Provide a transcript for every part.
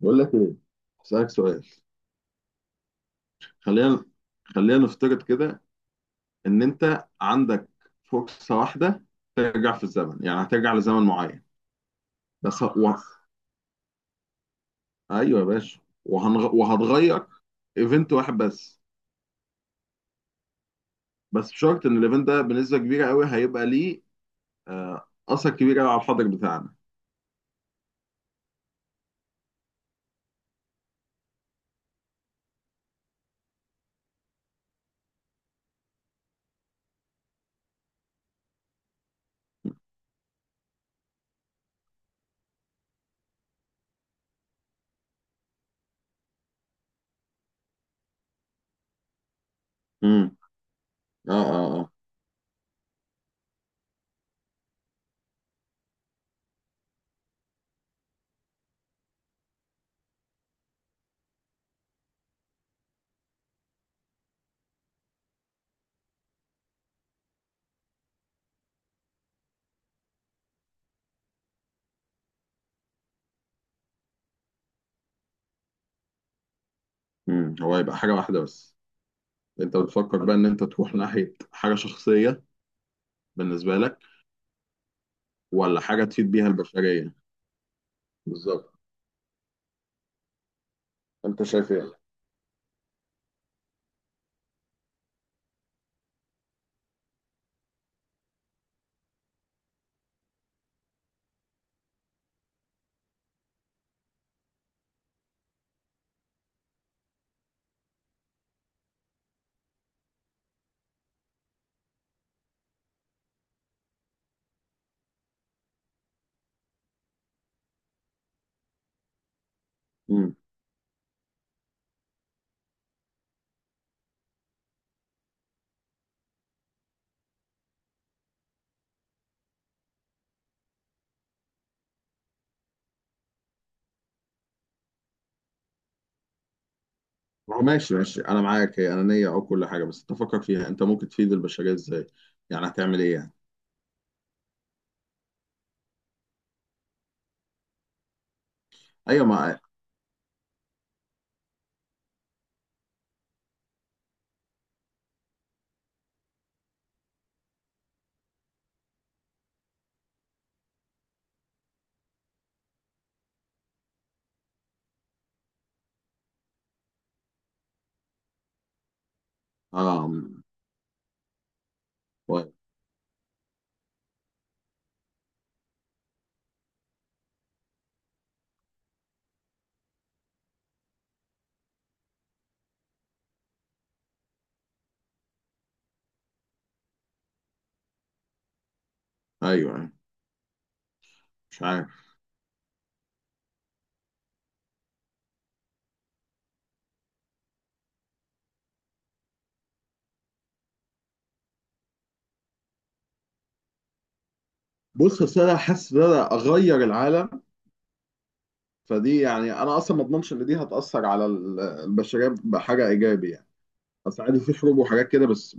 بقول لك ايه؟ اسالك سؤال. خلينا خلينا نفترض كده ان انت عندك فرصه واحده ترجع في الزمن، يعني هترجع لزمن معين. بس ه- و... ايوه يا باشا، وهتغير ايفنت واحد بس. بس بشرط ان الايفنت ده بنسبه كبيره قوي هيبقى ليه اثر كبير قوي على الحاضر بتاعنا. امم. اه اه اه. هو هيبقى حاجه واحده بس، انت بتفكر بقى ان انت تروح ناحيه حاجه شخصيه بالنسبه لك، ولا حاجه تفيد بيها البشريه؟ بالظبط، انت شايف ايه؟ امم هو ماشي ماشي، انا معاك، هي انانيه او كل حاجه، بس تفكر فيها انت ممكن تفيد البشريه ازاي؟ يعني هتعمل ايه يعني؟ ايوه ما. اه أمم. طيب. ايوه أيوة. مش عارف. بص، اصل انا حاسس ان انا اغير العالم، فدي يعني انا اصلا ما اضمنش ان دي هتاثر على البشريه بحاجه ايجابي يعني. اصل عادي في حروب وحاجات كده، بس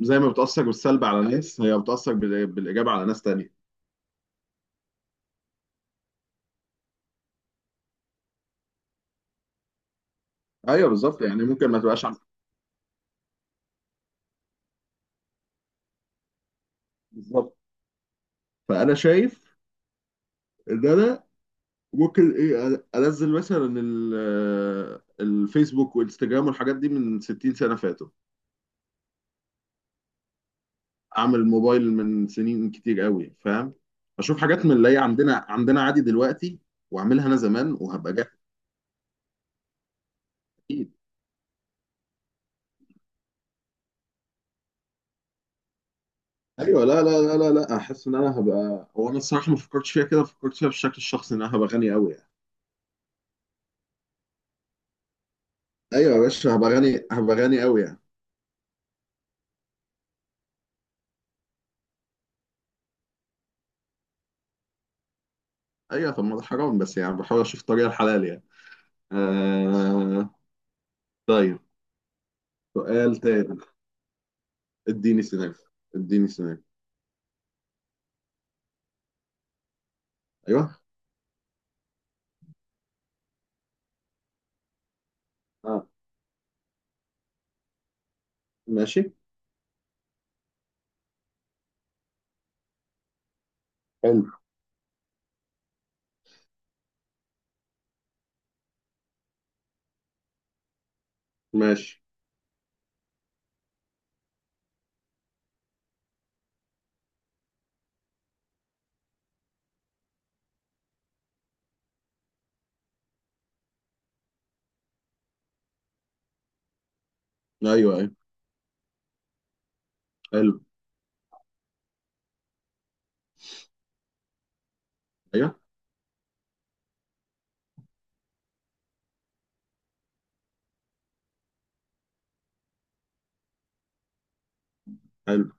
زي ما بتاثر بالسلب على ناس، هي بتاثر بالايجاب على ناس تانية. ايوه بالظبط، يعني ممكن ما تبقاش بالظبط. فانا شايف ان انا ممكن ايه، انزل مثلا الفيسبوك وانستجرام والحاجات دي من 60 سنه فاتوا، اعمل موبايل من سنين كتير قوي، فاهم؟ اشوف حاجات من اللي هي عندنا عادي دلوقتي، واعملها انا زمان وهبقى جاهز. اكيد. ايوه لا لا لا لا لا، احس ان انا هبقى، هو انا الصراحه ما فكرتش فيها كده، فكرت فيها بالشكل الشخصي ان انا هبقى غني قوي يعني. ايوه يا باشا، هبقى غني، هبقى غني قوي يعني. ايوه طب ما ده حرام، بس يعني بحاول اشوف الطريقه الحلال يعني. آه... طيب. سؤال تاني. اديني سيناريو. اديني سيناريو. ايوه. اه. ماشي. حلو. ماشي. ايوه ايوه. حلو. ايوه. حلو.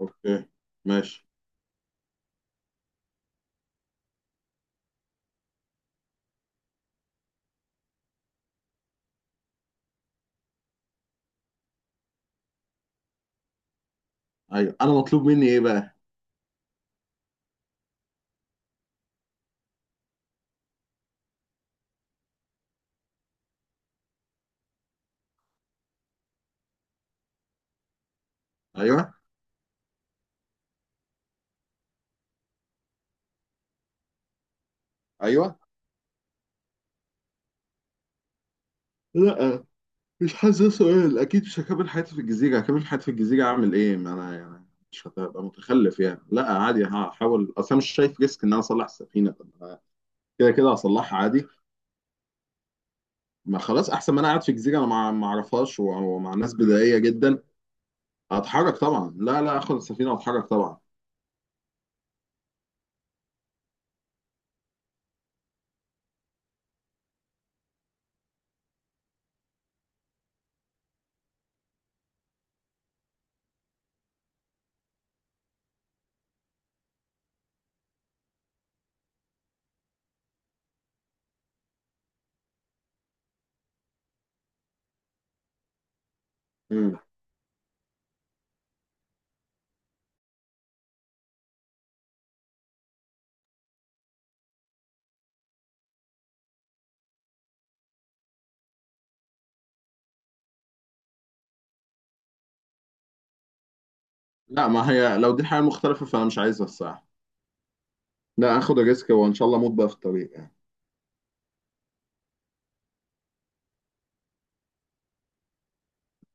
اوكي. ماشي. ايوه، انا مطلوب مني ايه بقى؟ ايوه ايوه. لا، مش حاسس ده سؤال، اكيد مش هكمل حياتي في الجزيره، هكمل حياتي في الجزيره اعمل ايه؟ ما انا يعني مش هبقى متخلف يعني، لا عادي هحاول، اصل انا مش شايف ريسك ان انا اصلح السفينه. طب ما كده كده هصلحها عادي، ما خلاص احسن ما انا قاعد في جزيره انا ما اعرفهاش ومع ناس بدائيه جدا. هتحرك طبعا، لا لا، اخد السفينه واتحرك طبعا. مم. لا، ما هي لو دي حاجة مختلفة فأنا مش عايزها الصراحة. لا آخد ريسك وإن شاء الله أموت بقى في الطريق يعني.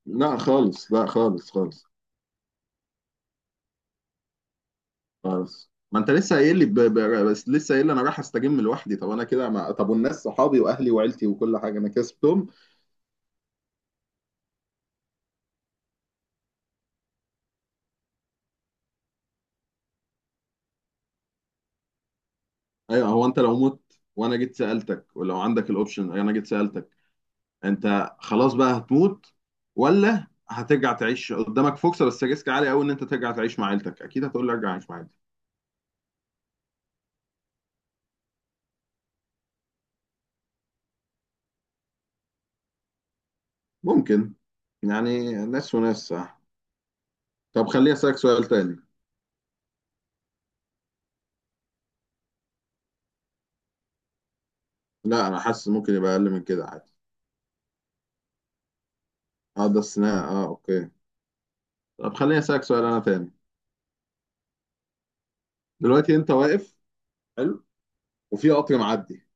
لا خالص لا خالص خالص خالص، ما أنت لسه قايل لي بس لسه قايل لي أنا رايح أستجم لوحدي، طب أنا كده ما... طب والناس صحابي وأهلي وعيلتي وكل حاجة أنا كسبتهم. أيوه، هو أنت لو مت وأنا جيت سألتك، ولو عندك الأوبشن أنا جيت سألتك أنت خلاص بقى هتموت ولا هترجع تعيش، قدامك فرصة بس ريسك عالي قوي، إن أنت ترجع تعيش مع عيلتك، أكيد هتقول لي أرجع أعيش مع عيلتي. ممكن. يعني ناس وناس صح. طب خليني اسالك سؤال تاني. لا، انا حاسس ممكن يبقى اقل من كده عادي. اه ده استثناء، اه اوكي. طب خليني اسالك سؤال انا تاني. دلوقتي انت واقف. حلو. وفي قطر معدي.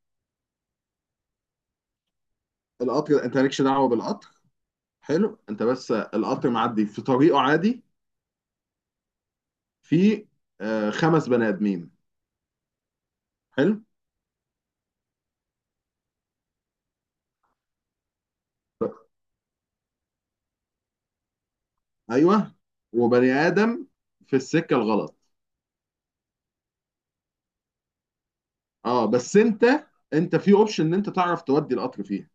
القطر، انت مالكش دعوه بالقطر، حلو؟ انت بس، القطر معدي في طريقه عادي. في خمس بني ادمين. حلو. ايوه، وبني ادم في السكه الغلط. اه بس انت، انت في اوبشن ان انت تعرف تودي القطر فيها.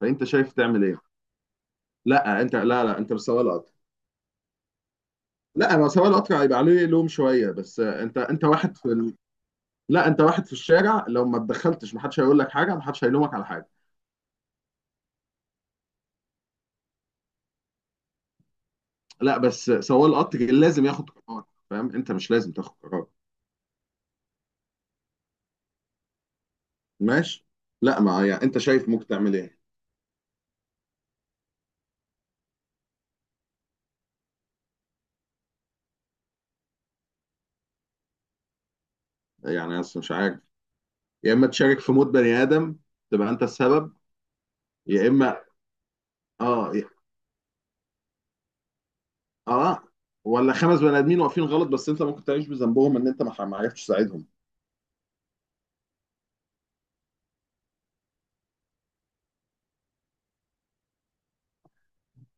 فانت شايف تعمل ايه؟ لا انت، لا لا انت مش سواق القطر. لا، ما سواق القطر هيبقى عليه لوم شويه، بس انت واحد في لا، انت واحد في الشارع، لو ما اتدخلتش محدش هيقول لك حاجه، محدش هيلومك على حاجه. لا بس سواق القطر لازم ياخد قرار، فاهم؟ انت مش لازم تاخد قرار. ماشي. لا، ما يعني انت شايف ممكن تعمل ايه؟ يعني اصلا مش عارف، يا اما تشارك في موت بني ادم، تبقى انت السبب، يا اما اه اه، ولا خمس بني ادمين واقفين غلط، بس انت ممكن تعيش بذنبهم ان انت ما عرفتش تساعدهم.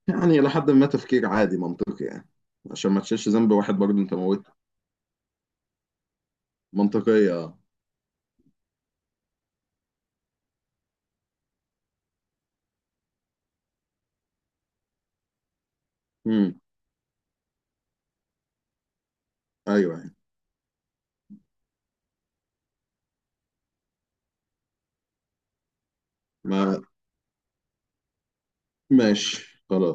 يعني لحد ما، تفكير عادي منطقي يعني، عشان ما تشيلش ذنب واحد برضه انت موته. منطقية اه. امم. ايوه أيوة. ما. ماشي خلاص.